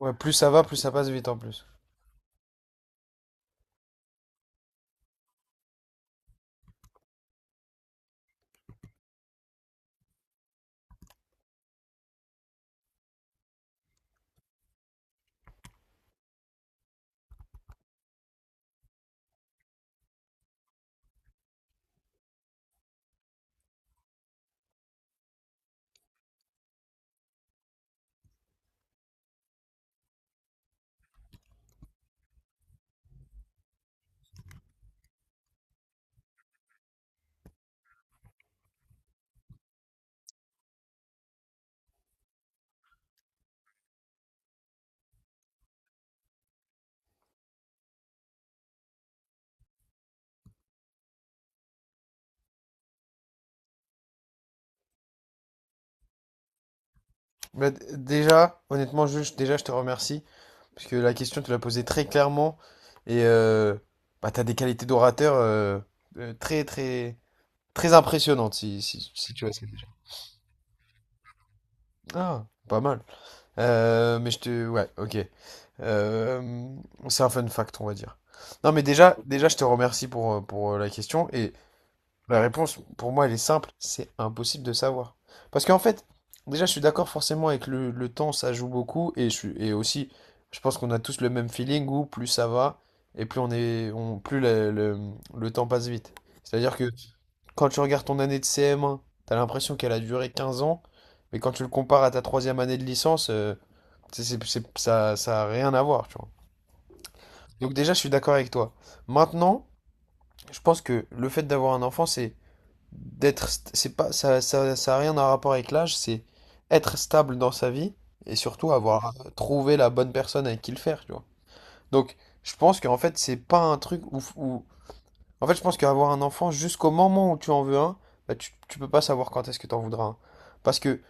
Ouais, plus ça va, plus ça passe vite en plus. Bah, déjà, honnêtement, Jules, déjà, je te remercie. Parce que la question, tu l'as posée très clairement. Et bah, tu as des qualités d'orateur très, très, très impressionnantes. Ah, pas mal. Mais je te. Ouais, ok. Euh, c'est un fun fact, on va dire. Non, mais déjà, je te remercie pour, la question. La réponse, pour moi, elle est simple, c'est impossible de savoir. Parce qu'en fait, déjà, je suis d'accord forcément avec le temps, ça joue beaucoup, et aussi, je pense qu'on a tous le même feeling où plus ça va, et plus on est, on, plus le temps passe vite. C'est-à-dire que quand tu regardes ton année de CM1, t'as l'impression qu'elle a duré 15 ans, mais quand tu le compares à ta troisième année de licence, ça a rien à voir, tu vois. Donc déjà, je suis d'accord avec toi. Maintenant, je pense que le fait d'avoir un enfant, c'est d'être c'est pas ça, ça a rien à rapport avec l'âge, c'est être stable dans sa vie et surtout avoir trouvé la bonne personne avec qui le faire, tu vois. Donc, je pense qu'en fait, c'est pas un truc en fait, je pense qu'avoir un enfant jusqu'au moment où tu en veux un, bah, tu peux pas savoir quand est-ce que t'en voudras un. Parce que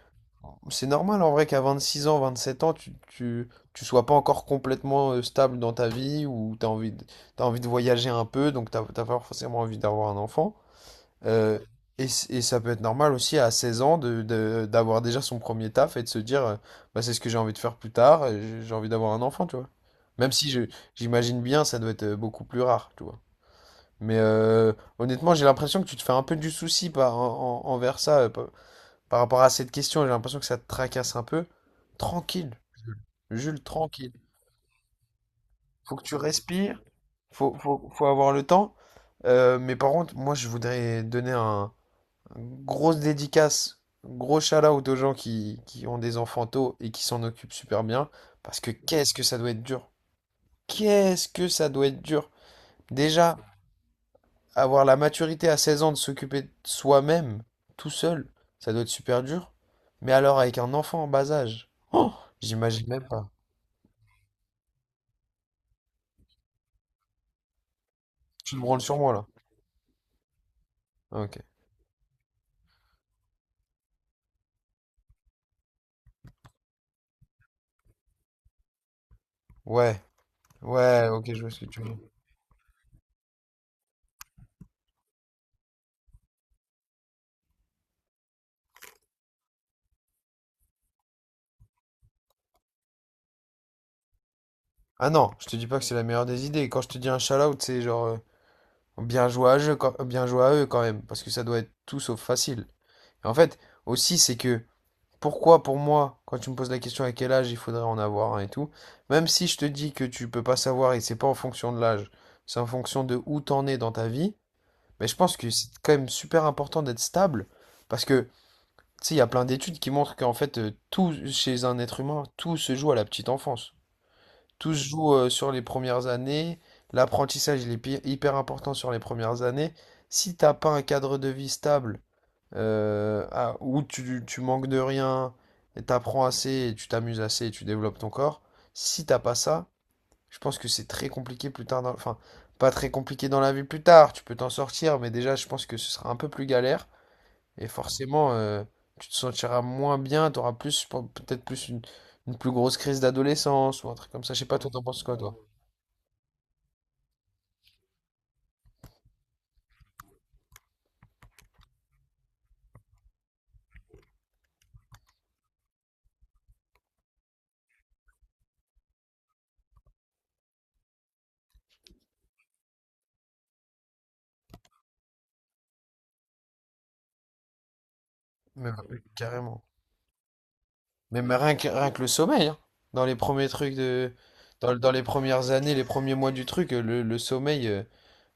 c'est normal en vrai qu'à 26 ans, 27 ans, tu sois pas encore complètement stable dans ta vie ou t'as envie de voyager un peu, donc t'as pas forcément envie d'avoir un enfant. Euh, et ça peut être normal aussi à 16 ans d'avoir déjà son premier taf et de se dire, bah, c'est ce que j'ai envie de faire plus tard, j'ai envie d'avoir un enfant, tu vois. Même si j'imagine bien, ça doit être beaucoup plus rare, tu vois. Mais honnêtement, j'ai l'impression que tu te fais un peu du souci envers ça, par rapport à cette question. J'ai l'impression que ça te tracasse un peu. Tranquille, Jules, tranquille. Faut que tu respires, faut avoir le temps. Mais par contre, moi, je voudrais donner un grosse dédicace, gros shout-out aux gens qui ont des enfants tôt et qui s'en occupent super bien, parce que qu'est-ce que ça doit être dur. Qu'est-ce que ça doit être dur. Déjà, avoir la maturité à 16 ans de s'occuper de soi-même, tout seul, ça doit être super dur. Mais alors avec un enfant en bas âge, oh, j'imagine même pas. Tu te branles sur moi là. Ah, ok. Ouais, ouais, ok, je vois ce que tu veux. Ah non, je te dis pas que c'est la meilleure des idées. Quand je te dis un shout-out, c'est genre, Bien joué à eux, quand, bien joué à eux quand même, parce que ça doit être tout sauf facile. Et en fait, aussi, c'est que pourquoi pour moi, quand tu me poses la question à quel âge il faudrait en avoir un et tout, même si je te dis que tu peux pas savoir et c'est pas en fonction de l'âge, c'est en fonction de où t'en es dans ta vie, mais je pense que c'est quand même super important d'être stable, parce que, tu sais, il y a plein d'études qui montrent qu'en fait, tout chez un être humain, tout se joue à la petite enfance. Tout se joue sur les premières années. L'apprentissage, il est hyper important sur les premières années. Si t'as pas un cadre de vie stable, où tu manques de rien, et t'apprends assez, et tu t'amuses assez, et tu développes ton corps, si t'as pas ça, je pense que c'est très compliqué plus tard dans, enfin, pas très compliqué dans la vie plus tard, tu peux t'en sortir, mais déjà, je pense que ce sera un peu plus galère. Et forcément, tu te sentiras moins bien, t'auras plus, je pense, peut-être plus une plus grosse crise d'adolescence ou un truc comme ça. Je sais pas, toi, t'en penses quoi, toi? Mais carrément. Mais rien que le sommeil, hein. Dans les premiers trucs de. Dans les premières années, les premiers mois du truc, le sommeil, euh,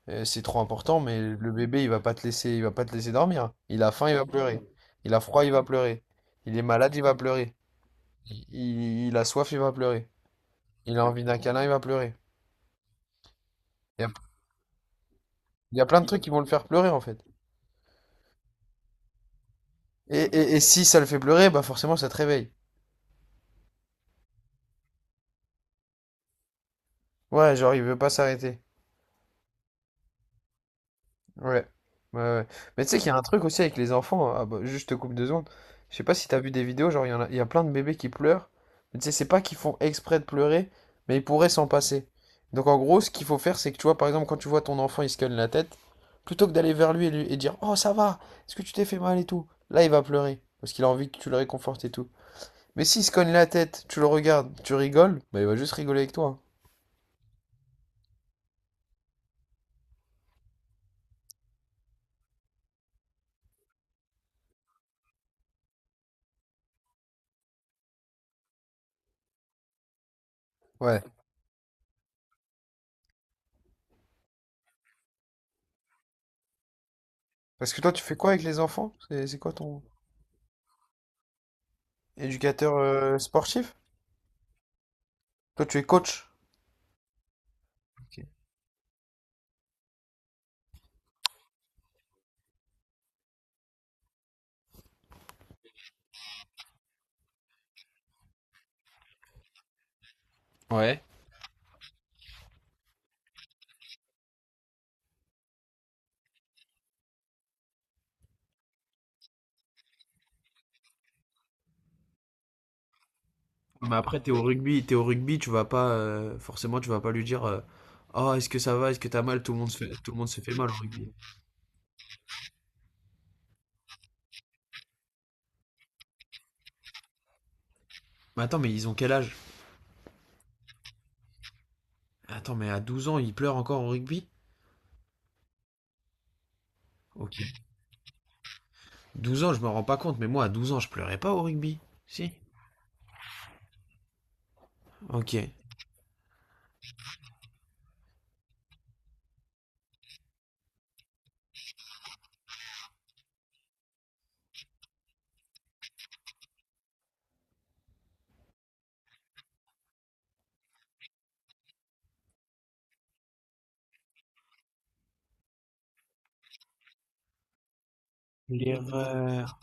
euh, c'est trop important, mais le bébé, il va pas te laisser dormir. Il a faim, il va pleurer. Il a froid, il va pleurer. Il est malade, il va pleurer. Il a soif, il va pleurer. Il a envie d'un câlin, il va pleurer. Il y a, il y a plein de trucs qui vont le faire pleurer, en fait. Et si ça le fait pleurer, bah forcément, ça te réveille. Ouais, genre, il veut pas s'arrêter. Ouais. Ouais, ouais. Mais tu sais qu'il y a un truc aussi avec les enfants. Ah bah, juste je te coupe 2 secondes. Je sais pas si t'as vu des vidéos, genre il y a plein de bébés qui pleurent. Mais tu sais, c'est pas qu'ils font exprès de pleurer, mais ils pourraient s'en passer. Donc en gros, ce qu'il faut faire, c'est que tu vois, par exemple, quand tu vois ton enfant, il se cogne la tête, plutôt que d'aller vers lui et dire, oh, ça va, est-ce que tu t'es fait mal et tout? Là, il va pleurer. Parce qu'il a envie que tu le réconfortes et tout. Mais s'il se cogne la tête, tu le regardes, tu rigoles, bah il va juste rigoler avec toi. Ouais. Parce que toi, tu fais quoi avec les enfants? C'est quoi ton éducateur sportif? Toi, tu es coach. Okay. Ouais. Mais après, t'es au rugby, tu vas pas forcément, tu vas pas lui dire, oh, est-ce que ça va, est-ce que t'as mal, tout le monde se fait mal au rugby. Mais attends, mais ils ont quel âge? Attends, mais à 12 ans, ils pleurent encore au rugby? Ok. 12 ans, je me rends pas compte, mais moi, à 12 ans, je pleurais pas au rugby. Si? Ok. L'erreur,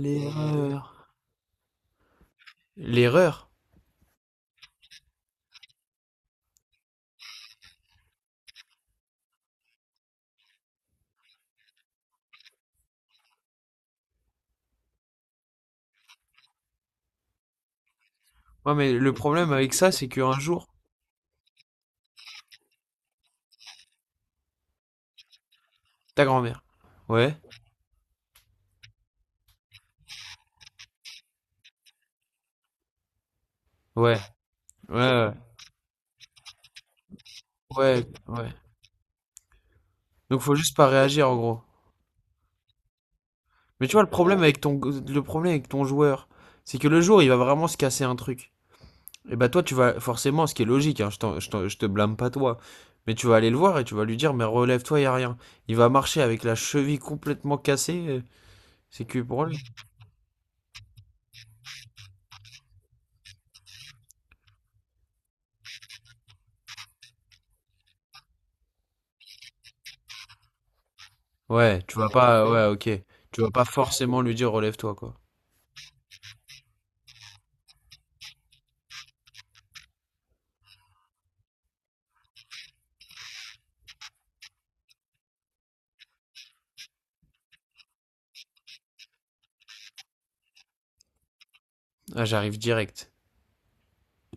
l'erreur, l'erreur. Ouais, mais le problème avec ça, c'est qu'un jour, ta grand-mère. Ouais, ouais, ouais, ouais, ouais. Donc faut juste pas réagir en gros. Mais tu vois, le problème avec ton joueur, c'est que le jour, il va vraiment se casser un truc. Et bah toi, tu vas forcément, ce qui est logique, hein, je te blâme pas toi, mais tu vas aller le voir et tu vas lui dire, mais relève-toi, y a rien. Il va marcher avec la cheville complètement cassée, c'est que pour lui. Ouais, tu vas pas, ouais, ok. Tu vas pas forcément lui dire, relève-toi, quoi. Ah, j'arrive direct.